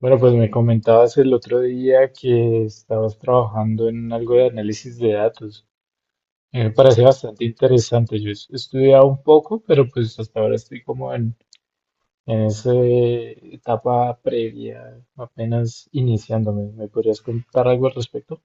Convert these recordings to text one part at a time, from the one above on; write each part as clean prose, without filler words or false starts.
Bueno, pues me comentabas el otro día que estabas trabajando en algo de análisis de datos. Me parece bastante interesante. Yo he estudiado un poco, pero pues hasta ahora estoy como en esa etapa previa, apenas iniciándome. ¿Me podrías contar algo al respecto?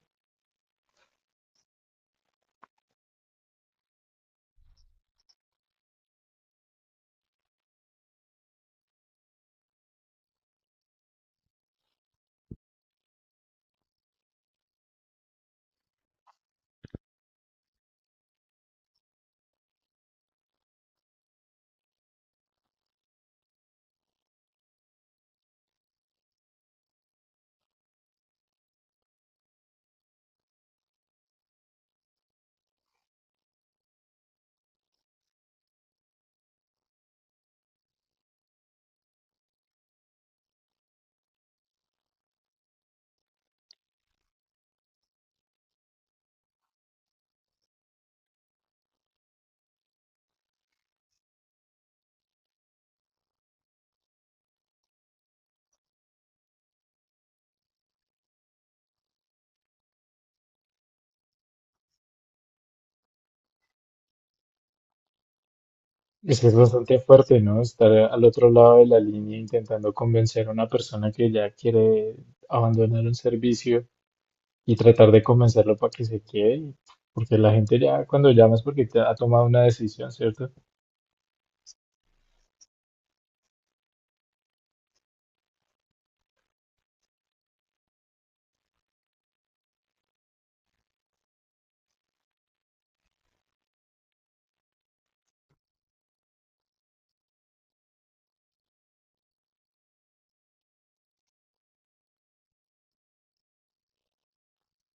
Es que es bastante fuerte, ¿no? Estar al otro lado de la línea intentando convencer a una persona que ya quiere abandonar un servicio y tratar de convencerlo para que se quede, porque la gente ya cuando llamas porque te ha tomado una decisión, ¿cierto?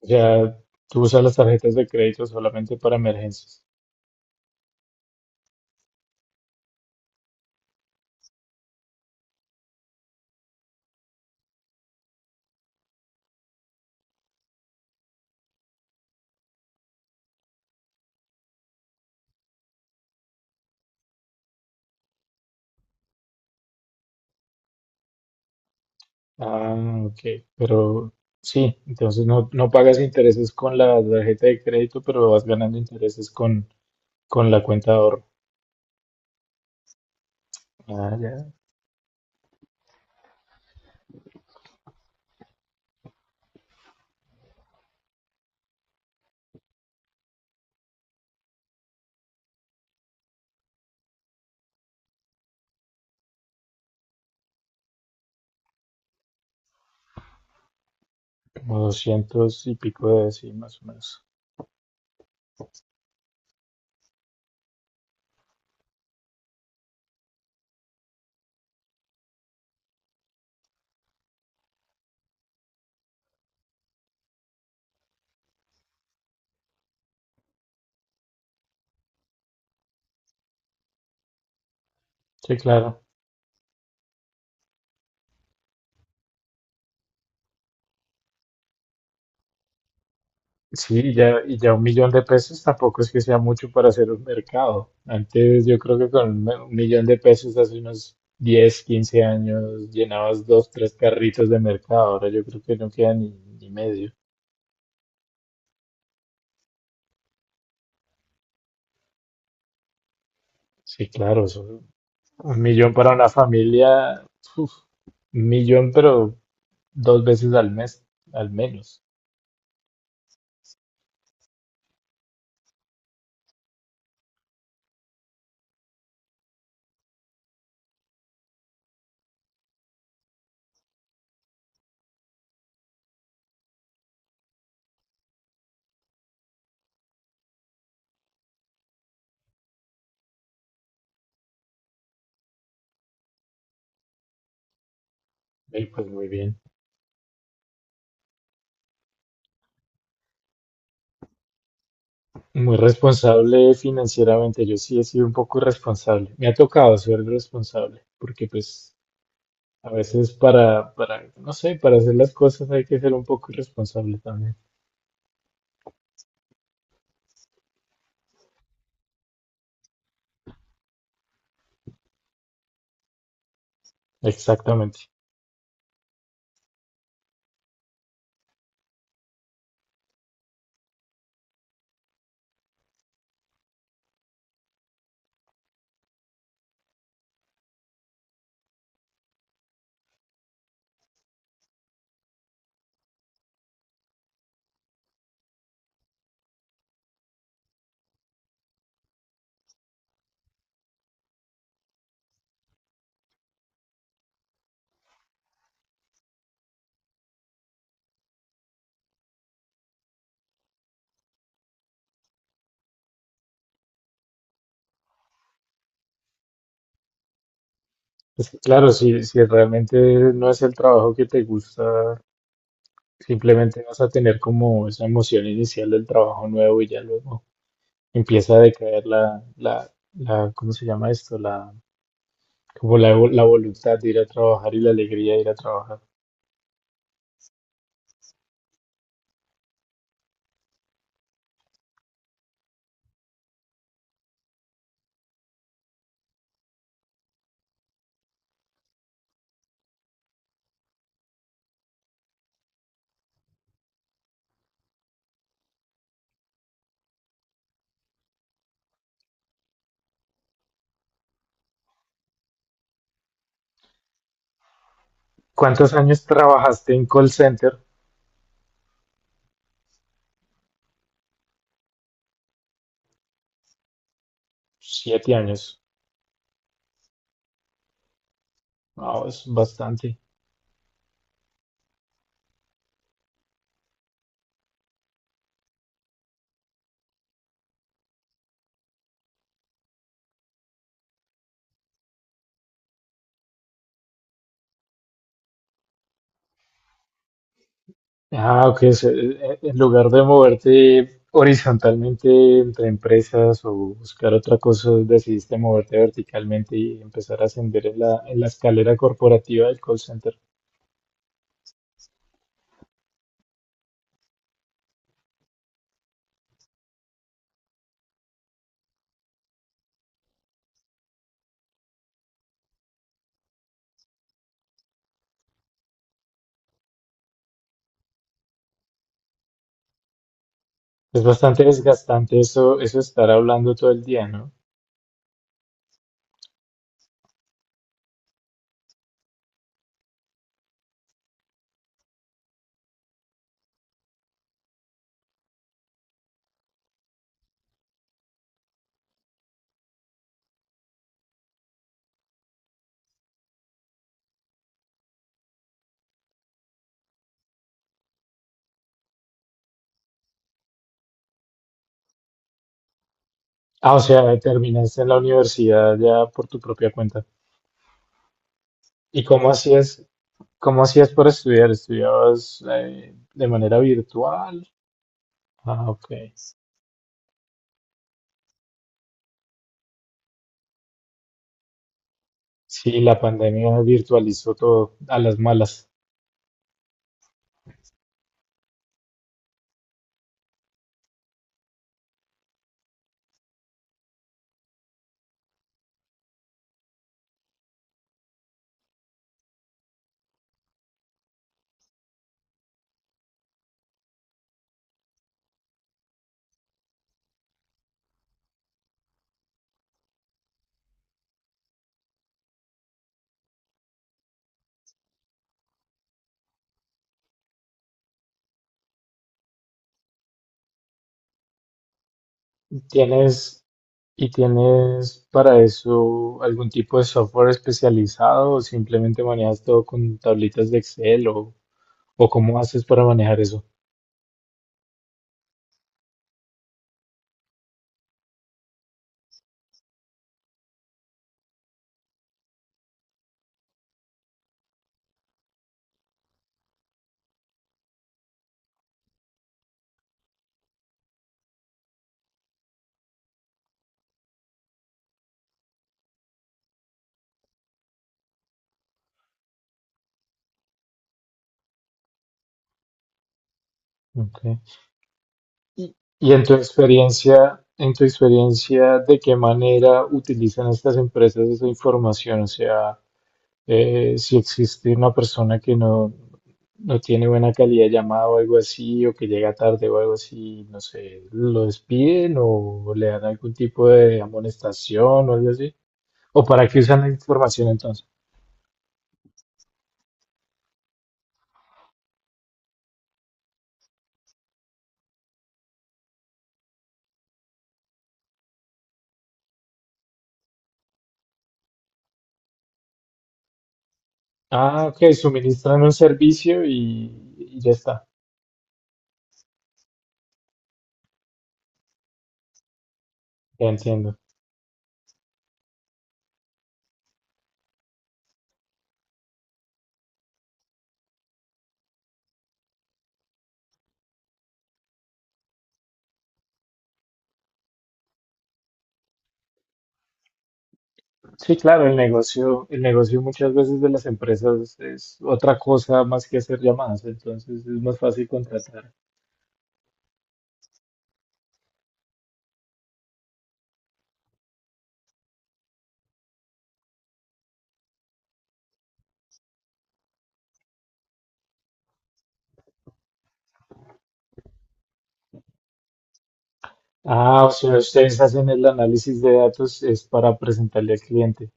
O sea, tú usas las tarjetas de crédito solamente para emergencias. Ah, ok, pero sí, entonces no pagas intereses con la tarjeta de crédito, pero vas ganando intereses con la cuenta de ahorro. Ah, ya, como 200 y pico de sí, más o menos. Sí, claro. Sí, ya, y ya 1 millón de pesos tampoco es que sea mucho para hacer un mercado. Antes yo creo que con 1 millón de pesos hace unos 10, 15 años llenabas dos, tres carritos de mercado. Ahora yo creo que no queda ni medio. Sí, claro, 1 millón para una familia, uf, 1 millón pero dos veces al mes, al menos. Y pues muy bien. Muy responsable financieramente. Yo sí he sido un poco irresponsable. Me ha tocado ser responsable porque pues... A veces no sé, para hacer las cosas hay que ser un poco irresponsable también. Exactamente. Es que, claro, si realmente no es el trabajo que te gusta, simplemente vas a tener como esa emoción inicial del trabajo nuevo y ya luego empieza a decaer la, ¿cómo se llama esto? Como la voluntad de ir a trabajar y la alegría de ir a trabajar. ¿Cuántos años trabajaste en call center? 7 años. Wow, es bastante. Ah, ok. En lugar de moverte horizontalmente entre empresas o buscar otra cosa, decidiste moverte verticalmente y empezar a ascender en la escalera corporativa del call center. Es bastante desgastante eso, eso estar hablando todo el día, ¿no? Ah, o sea, terminaste en la universidad ya por tu propia cuenta. ¿Y cómo hacías para estudiar? ¿Estudiabas de manera virtual? Ah, ok. Sí, la pandemia virtualizó todo a las malas. ¿Tienes y tienes para eso algún tipo de software especializado o simplemente manejas todo con tablitas de Excel o cómo haces para manejar eso? Ok. Y en tu experiencia, ¿de qué manera utilizan estas empresas esa información? O sea, si existe una persona que no tiene buena calidad de llamada o algo así, o que llega tarde o algo así, no sé, lo despiden o le dan algún tipo de amonestación o algo así. ¿O para qué usan la información entonces? Ah, ok, suministran un servicio y ya está, ya entiendo. Sí, claro, el negocio muchas veces de las empresas es otra cosa más que hacer llamadas, entonces es más fácil contratar. Ah, o sea, ustedes hacen el análisis de datos es para presentarle al cliente.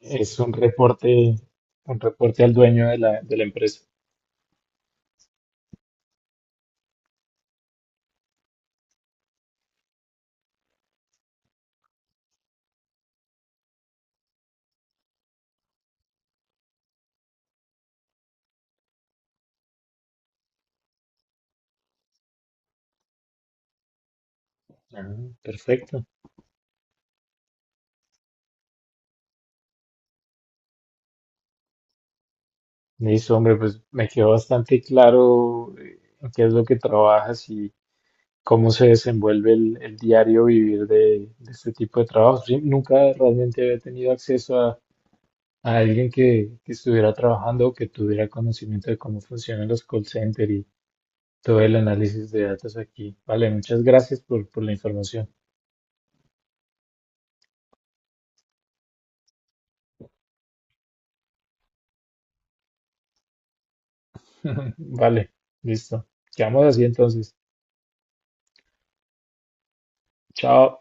Es un reporte al dueño de la empresa. Ah, perfecto. Listo, hombre, pues me quedó bastante claro en qué es lo que trabajas y cómo se desenvuelve el diario vivir de este tipo de trabajo. Sí, nunca realmente había tenido acceso a alguien que estuviera trabajando o que tuviera conocimiento de cómo funcionan los call centers y todo el análisis de datos aquí. Vale, muchas gracias por la información. Vale, listo. Quedamos así entonces. Chao.